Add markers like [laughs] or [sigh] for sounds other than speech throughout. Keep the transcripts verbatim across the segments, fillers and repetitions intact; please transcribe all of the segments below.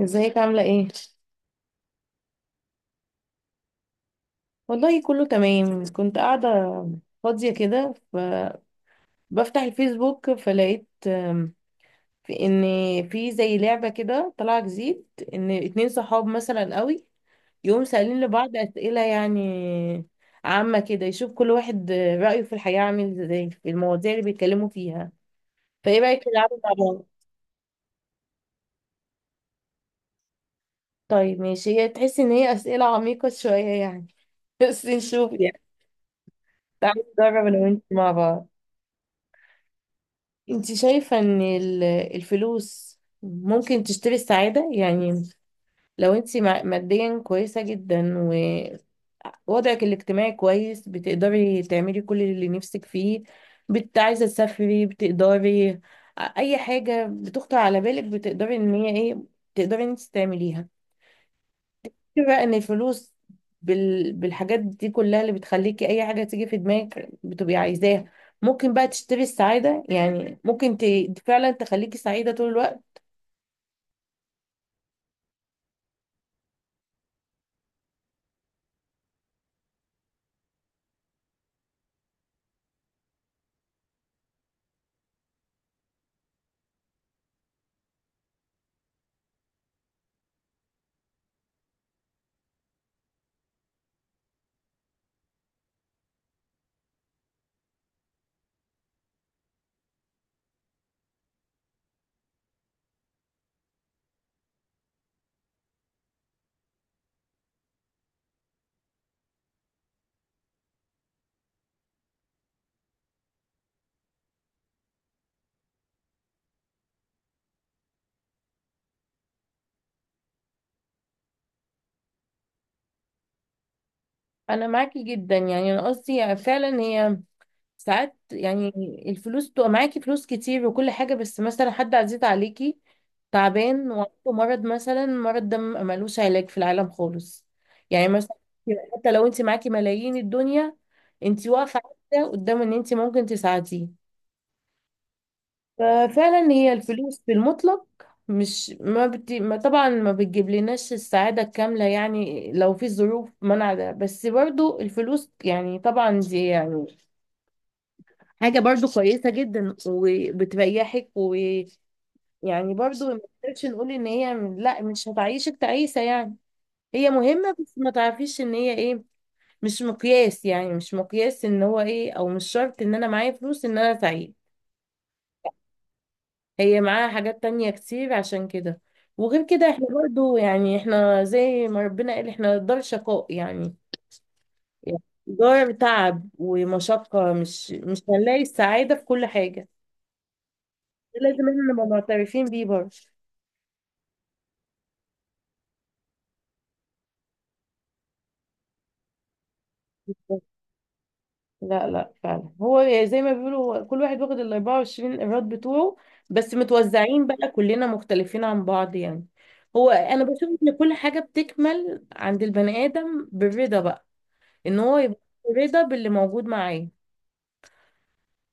ازيك عاملة ايه؟ والله كله تمام كنت قاعدة فاضية كده فبفتح الفيسبوك فلقيت آم، في ان في زي لعبة كده طالعة جديد ان اتنين صحاب مثلا قوي يقوم سألين لبعض اسئلة يعني عامة كده يشوف كل واحد رأيه في الحياة عامل ازاي في المواضيع اللي بيتكلموا فيها، فايه رأيك تلعبوا مع بعض؟ طيب ماشي، هي تحس ان هي اسئلة عميقة شوية يعني [laughs] بس نشوف يعني. تعالوا نجرب انا وانت مع بعض. انت شايفة ان ال- الفلوس ممكن تشتري السعادة يعني؟ لو انت مع- ماديا كويسة جدا ووضعك الاجتماعي كويس بتقدري تعملي كل اللي نفسك فيه، بت عايزة تسافري بتقدري، ا- اي حاجة بتخطر على بالك بتقدري ان هي ايه، تقدري ان انت تعمليها. بقى ان الفلوس بال... بالحاجات دي كلها اللي بتخليكي اي حاجه تيجي في دماغك بتبقي عايزاها، ممكن بقى تشتري السعاده يعني؟ ممكن ت... فعلا تخليكي سعيده طول الوقت؟ انا معاكي جدا، يعني انا قصدي فعلا هي ساعات يعني الفلوس تبقى معاكي فلوس كتير وكل حاجة، بس مثلا حد عزيز عليكي تعبان وعنده مرض، مثلا مرض ده م- ملوش علاج في العالم خالص يعني، مثلا حتى لو انت معاكي ملايين الدنيا انت واقفة عاجزة قدام ان انت ممكن تساعديه. ففعلا هي الفلوس بالمطلق مش ما, بت... ما طبعا ما بتجيب لناش السعادة الكاملة يعني لو في ظروف منع ده، بس برضو الفلوس يعني طبعا دي يعني حاجة برضو كويسة جدا وبتريحك، ويعني برضو ما نقدرش نقول ان هي لا مش هتعيشك تعيسة يعني. هي مهمة بس ما تعرفيش ان هي ايه، مش مقياس يعني، مش مقياس ان هو ايه، او مش شرط ان انا معايا فلوس ان انا سعيد. هي معاها حاجات تانية كتير عشان كده. وغير كده احنا برضو يعني احنا زي ما ربنا قال احنا دار شقاء يعني، دار تعب ومشقة، مش مش هنلاقي السعادة في كل حاجة. ده لازم احنا نبقى معترفين بيه برضه. لا لا فعلا هو يعني زي ما بيقولوا كل واحد واخد ال اربع وعشرين ايراد بتوعه، بس متوزعين بقى، كلنا مختلفين عن بعض يعني. هو انا بشوف ان كل حاجة بتكمل عند البني ادم بالرضا بقى، ان هو يبقى رضا باللي موجود معاه.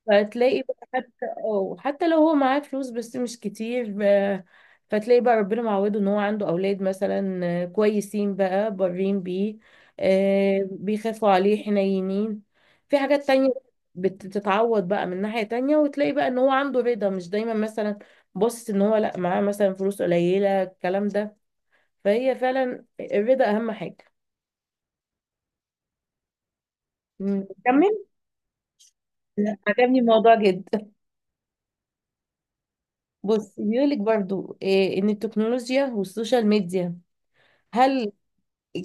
فتلاقي بقى حتى، اه حتى لو هو معاه فلوس بس مش كتير، آه، فتلاقي بقى ربنا معوده ان هو عنده اولاد مثلا، آه، كويسين بقى بارين بيه، آه، بيخافوا عليه حنينين، في حاجات تانية بت- بتتعوض بقى من ناحية تانية. وتلاقي بقى ان هو عنده رضا، مش دايما مثلا باصص ان هو لا معاه مثلا فلوس قليلة الكلام ده. فهي فعلا الرضا اهم حاجة. مم. نكمل. لا، عجبني الموضوع جدا. بص، بيقولك برضو إيه ان التكنولوجيا والسوشيال ميديا هل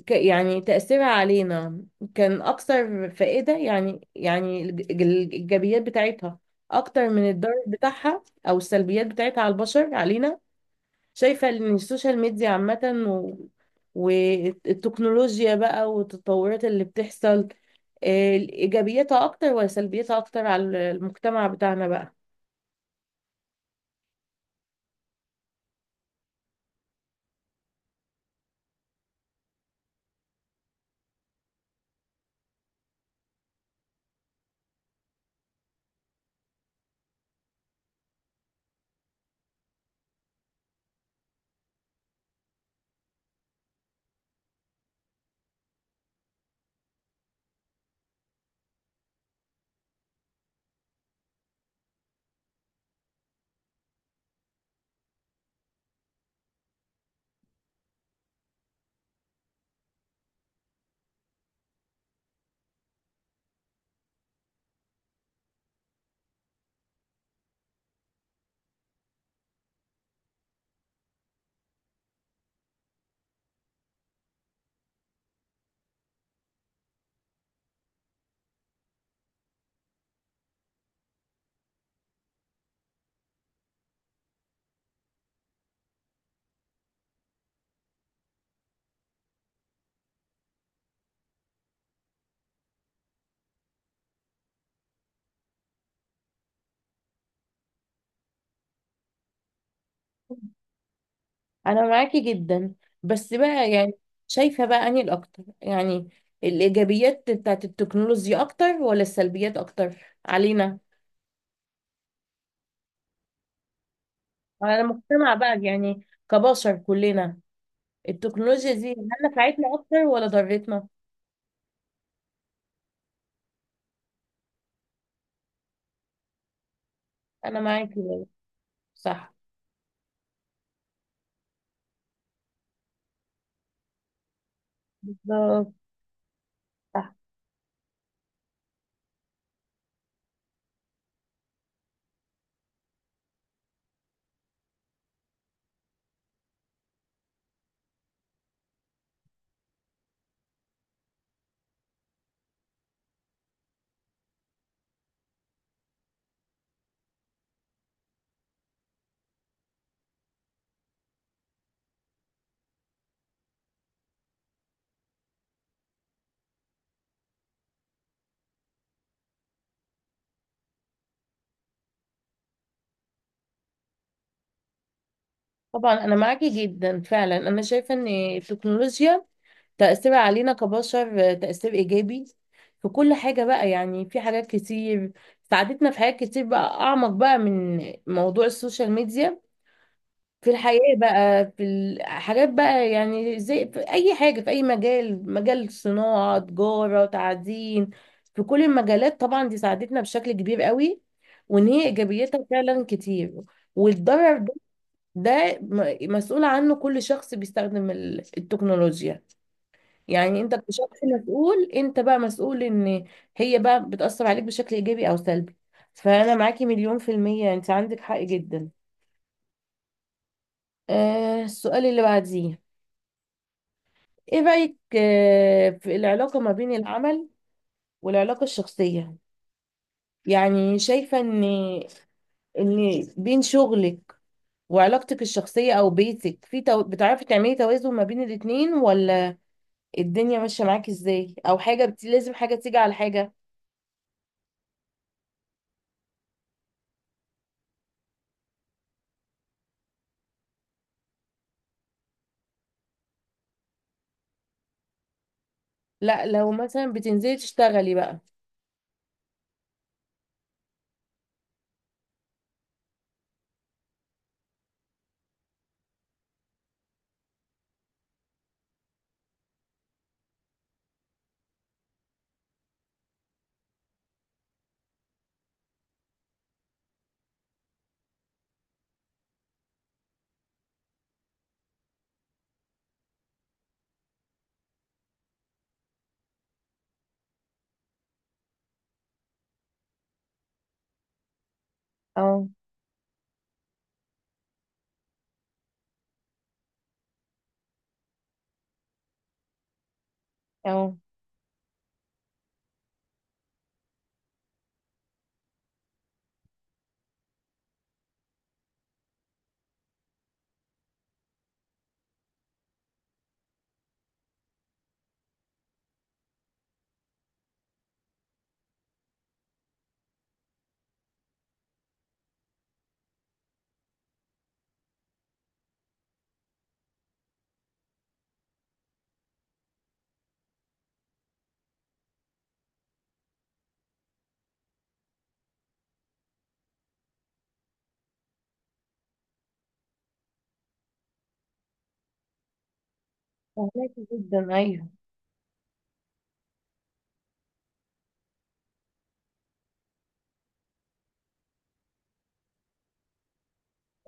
ك يعني تأثيرها علينا كان اكثر فائدة يعني؟ يعني الج- الج- الايجابيات بتاعتها اكتر من الضرر بتاعها او السلبيات بتاعتها على البشر علينا؟ شايفة ان السوشيال ميديا عامة و... والتكنولوجيا بقى والتطورات اللي بتحصل، إيه ايجابياتها اكتر ولا سلبياتها اكتر على المجتمع بتاعنا بقى؟ انا معاكي جدا، بس بقى يعني شايفه بقى اني الاكتر يعني الايجابيات بتاعت التكنولوجيا اكتر ولا السلبيات اكتر علينا؟ على المجتمع بقى يعني كبشر كلنا، التكنولوجيا دي هل نفعتنا اكتر ولا ضرتنا؟ انا معاكي برضه. صح. بالظبط. صح. طبعا انا معاكي جدا فعلا، انا شايفه ان التكنولوجيا تأثيرها علينا كبشر، آه، تأثير إيجابي في كل حاجة بقى يعني. في حاجات كتير ساعدتنا في حاجات كتير بقى، أعمق بقى من موضوع السوشيال ميديا، في الحياة بقى، في الحاجات بقى يعني زي في أي حاجة في أي مجال، مجال صناعة، تجارة، تعدين، في كل المجالات، طبعا دي ساعدتنا بشكل كبير قوي، وإن هي إيجابيتها فعلا كتير. والضرر ده، ده م- مسؤول عنه كل شخص بيستخدم ال- التكنولوجيا يعني. انت كشخص مسؤول، انت بقى مسؤول ان هي بقى بتأثر عليك بشكل ايجابي او سلبي. فانا معاكي مليون في المية، انت عندك حق جدا. آه السؤال اللي بعديه، ايه رأيك آه في العلاقة ما بين العمل والعلاقة الشخصية؟ يعني شايفة ان ان بين شغلك وعلاقتك الشخصية او بيتك في تو... بتعرفي تعملي توازن ما بين الاتنين، ولا الدنيا ماشية معاكي ازاي، او حاجة بت... لازم حاجة تيجي على حاجة؟ لا لو مثلا بتنزلي تشتغلي بقى. اه. اه فهماكي جدا، ايوه.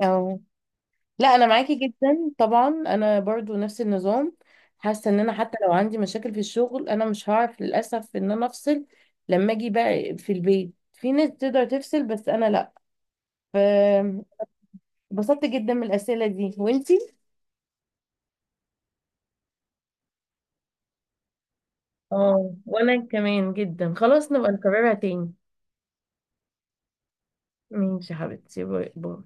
اه لا انا معاكي جدا طبعا، انا برضو نفس النظام. حاسه ان انا حتى لو عندي مشاكل في الشغل انا مش هعرف للاسف ان انا افصل. لما اجي بقى في البيت، في ناس تقدر تفصل بس انا لا. فبسطت جدا من الاسئله دي، وانتي؟ اه وانا كمان جدا، خلاص نبقى نكررها تاني. ماشي يا حبيبتي، باي باي.